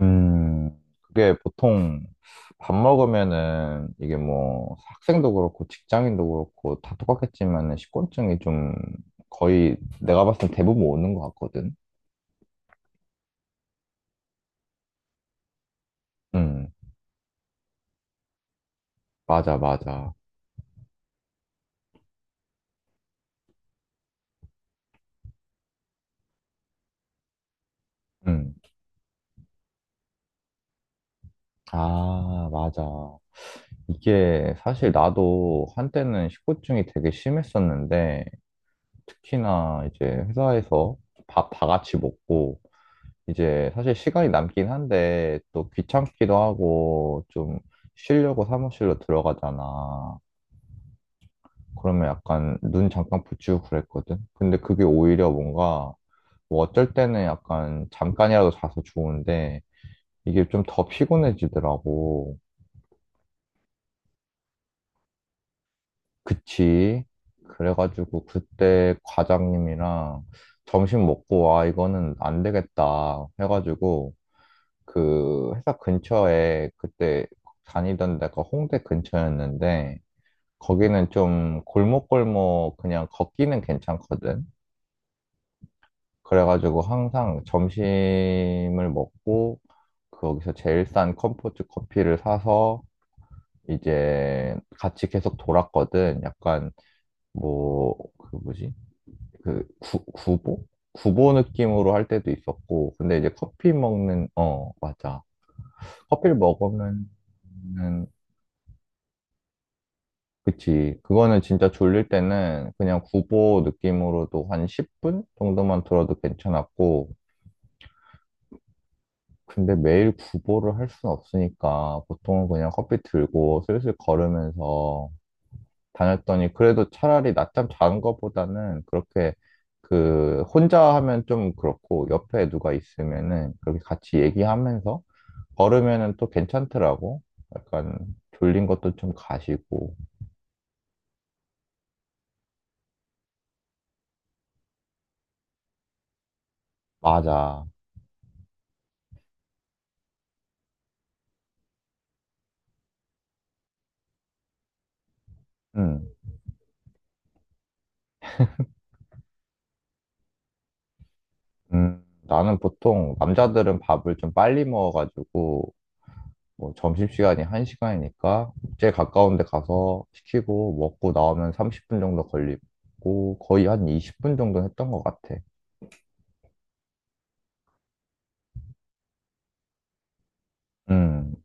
음, 그게 보통 밥 먹으면은 이게 뭐 학생도 그렇고 직장인도 그렇고 다 똑같겠지만은 식곤증이 좀 거의 내가 봤을 때 대부분 오는 것 같거든. 음, 맞아, 맞아. 음, 아, 맞아. 이게 사실 나도 한때는 식곤증이 되게 심했었는데 특히나 이제 회사에서 밥 다 같이 먹고 이제 사실 시간이 남긴 한데 또 귀찮기도 하고 좀 쉬려고 사무실로 들어가잖아. 그러면 약간 눈 잠깐 붙이고 그랬거든. 근데 그게 오히려 뭔가 뭐 어쩔 때는 약간 잠깐이라도 자서 좋은데 이게 좀 더 피곤해지더라고. 그치? 그래가지고 그때 과장님이랑 점심 먹고 와 이거는 안 되겠다 해가지고 그 회사 근처에 그때 다니던 데가 홍대 근처였는데 거기는 좀 골목골목 그냥 걷기는 괜찮거든. 그래가지고 항상 점심을 먹고 거기서 제일 싼 컴포트 커피를 사서 이제 같이 계속 돌았거든. 약간 뭐 그 뭐지? 그 구보? 구보 느낌으로 할 때도 있었고 근데 이제 커피 먹는 어 맞아. 커피를 먹으면 그치. 그거는 진짜 졸릴 때는 그냥 구보 느낌으로도 한 10분 정도만 들어도 괜찮았고, 근데 매일 구보를 할 수는 없으니까 보통은 그냥 커피 들고 슬슬 걸으면서 다녔더니 그래도 차라리 낮잠 자는 것보다는 그렇게 그 혼자 하면 좀 그렇고 옆에 누가 있으면은 그렇게 같이 얘기하면서 걸으면은 또 괜찮더라고. 약간 졸린 것도 좀 가시고. 맞아. 응. 나는 보통 남자들은 밥을 좀 빨리 먹어가지고 뭐 점심시간이 1시간이니까 제일 가까운 데 가서 시키고 먹고 나오면 30분 정도 걸리고 거의 한 20분 정도 했던 것 같아. 음,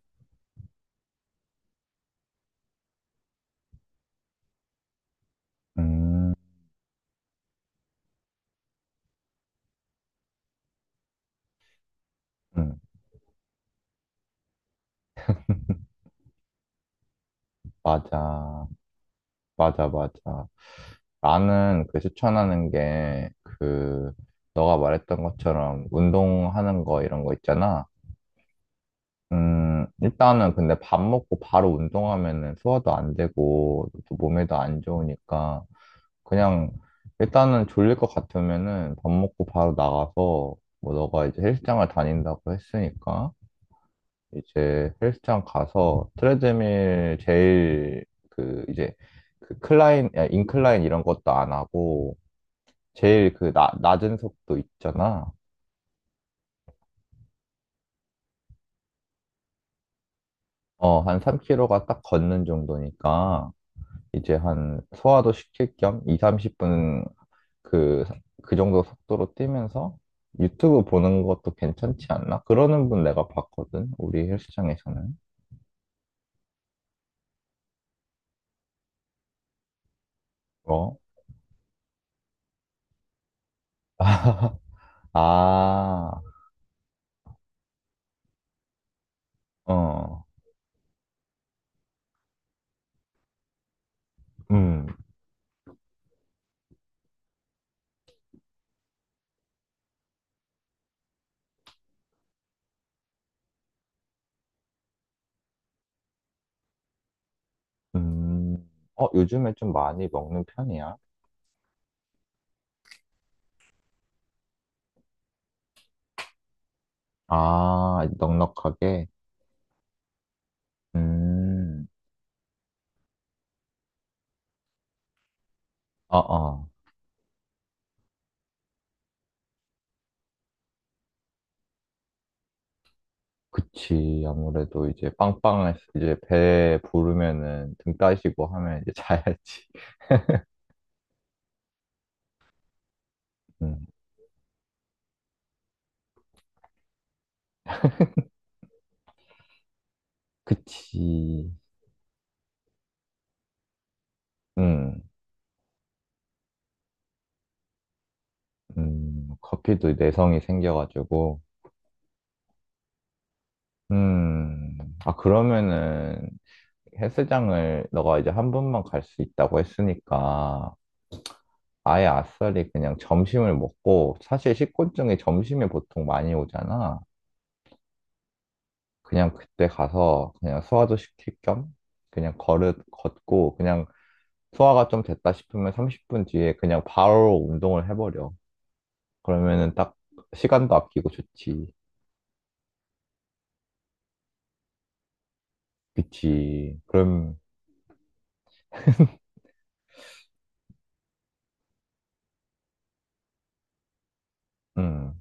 음, 음, 맞아, 맞아, 맞아. 나는 그 추천하는 게 그 너가 말했던 것처럼 운동하는 거 이런 거 있잖아. 일단은 근데 밥 먹고 바로 운동하면은 소화도 안 되고, 또 몸에도 안 좋으니까, 그냥, 일단은 졸릴 것 같으면은 밥 먹고 바로 나가서, 뭐 너가 이제 헬스장을 다닌다고 했으니까, 이제 헬스장 가서 트레드밀 제일 그 이제 그 인클라인 이런 것도 안 하고, 제일 그 낮은 속도 있잖아. 어, 한 3km가 딱 걷는 정도니까, 이제 한 소화도 시킬 겸 2, 30분 그, 그 정도 속도로 뛰면서 유튜브 보는 것도 괜찮지 않나? 그러는 분 내가 봤거든, 우리 헬스장에서는. 어? 아, 어, 음, 음. 어, 요즘에 좀 많이 먹는 편이야? 아, 넉넉하게? 음, 아, 아. 그치. 아무래도 이제 빵빵해서 이제 배 부르면은 등 따시고 하면 이제 자야지. 음. 그치. 음, 커피도 내성이 생겨가지고. 음, 그러면은 헬스장을 너가 이제 한 번만 갈 수 있다고 했으니까 아예 아싸리 그냥 점심을 먹고 사실 식곤증이 점심에 보통 많이 오잖아. 그냥 그때 가서 그냥 소화도 시킬 겸 그냥 걸을 걷고 그냥 소화가 좀 됐다 싶으면 30분 뒤에 그냥 바로 운동을 해버려. 그러면은 딱 시간도 아끼고 좋지. 그치. 그럼, 음,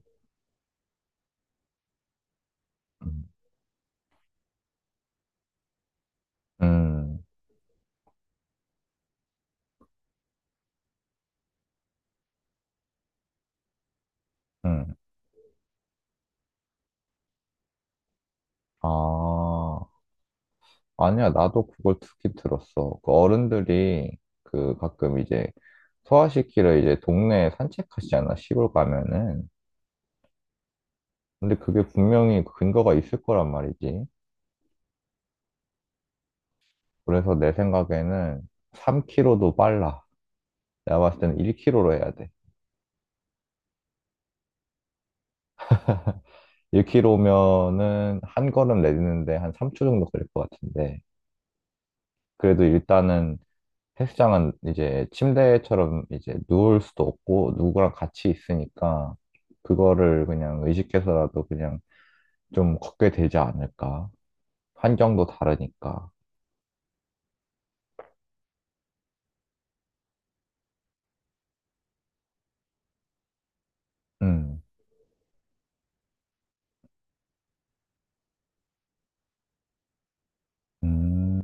음, 음, 음. 아, 아니야. 나도 그걸 듣긴 들었어. 그 어른들이 그 가끔 이제 소아시키를 이제 동네에 산책하시잖아. 시골 가면은. 근데 그게 분명히 그 근거가 있을 거란 말이지. 그래서 내 생각에는 3km도 빨라. 내가 봤을 때는 1km로 해야 돼. 1km면은 한 걸음 내딛는데 한 3초 정도 걸릴 것 같은데. 그래도 일단은 헬스장은 이제 침대처럼 이제 누울 수도 없고 누구랑 같이 있으니까 그거를 그냥 의식해서라도 그냥 좀 걷게 되지 않을까. 환경도 다르니까. 음, 음,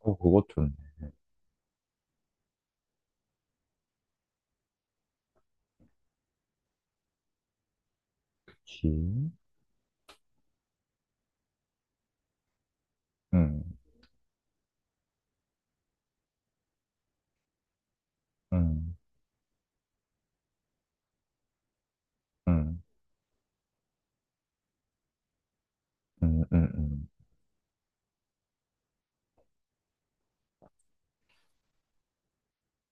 어, 그거 좋네. 그치? 음, 음, 음, 음, 음, 음.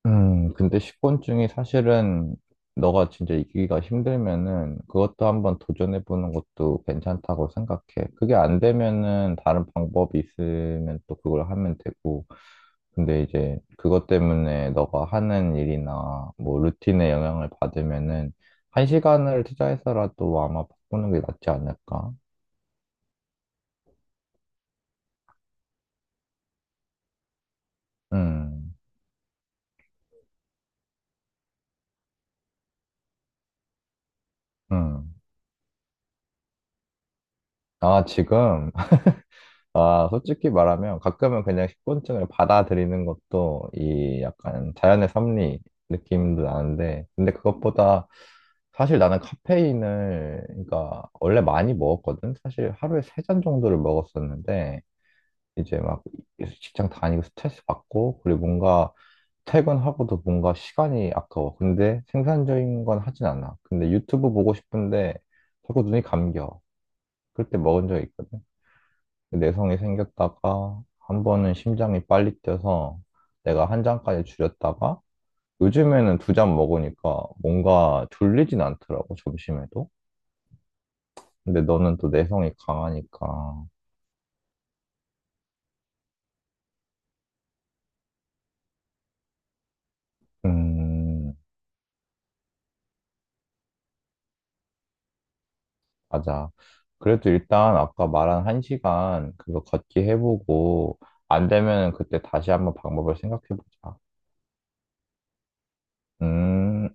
근데 식곤증이 사실은 너가 진짜 이기기가 힘들면은 그것도 한번 도전해보는 것도 괜찮다고 생각해. 그게 안 되면은 다른 방법이 있으면 또 그걸 하면 되고. 근데 이제 그것 때문에 너가 하는 일이나 뭐 루틴에 영향을 받으면은 한 시간을 투자해서라도 아마 바꾸는 게 낫지 않을까? 음, 음. 아, 지금 솔직히 말하면 가끔은 그냥 식곤증을 받아들이는 것도 이 약간 자연의 섭리 느낌도 나는데, 근데 그것보다 사실 나는 카페인을, 그러니까 원래 많이 먹었거든? 사실 하루에 세 잔 정도를 먹었었는데, 이제 막 직장 다니고 스트레스 받고, 그리고 뭔가 퇴근하고도 뭔가 시간이 아까워. 근데 생산적인 건 하진 않아. 근데 유튜브 보고 싶은데 자꾸 눈이 감겨. 그럴 때 먹은 적이 있거든. 내성이 생겼다가 한 번은 심장이 빨리 뛰어서 내가 한 잔까지 줄였다가 요즘에는 두 잔 먹으니까 뭔가 졸리진 않더라고 점심에도. 근데 너는 또 내성이 강하니까 음 맞아. 그래도 일단 아까 말한 한 시간 그거 걷기 해보고 안 되면 그때 다시 한번 방법을 생각해보자. 음.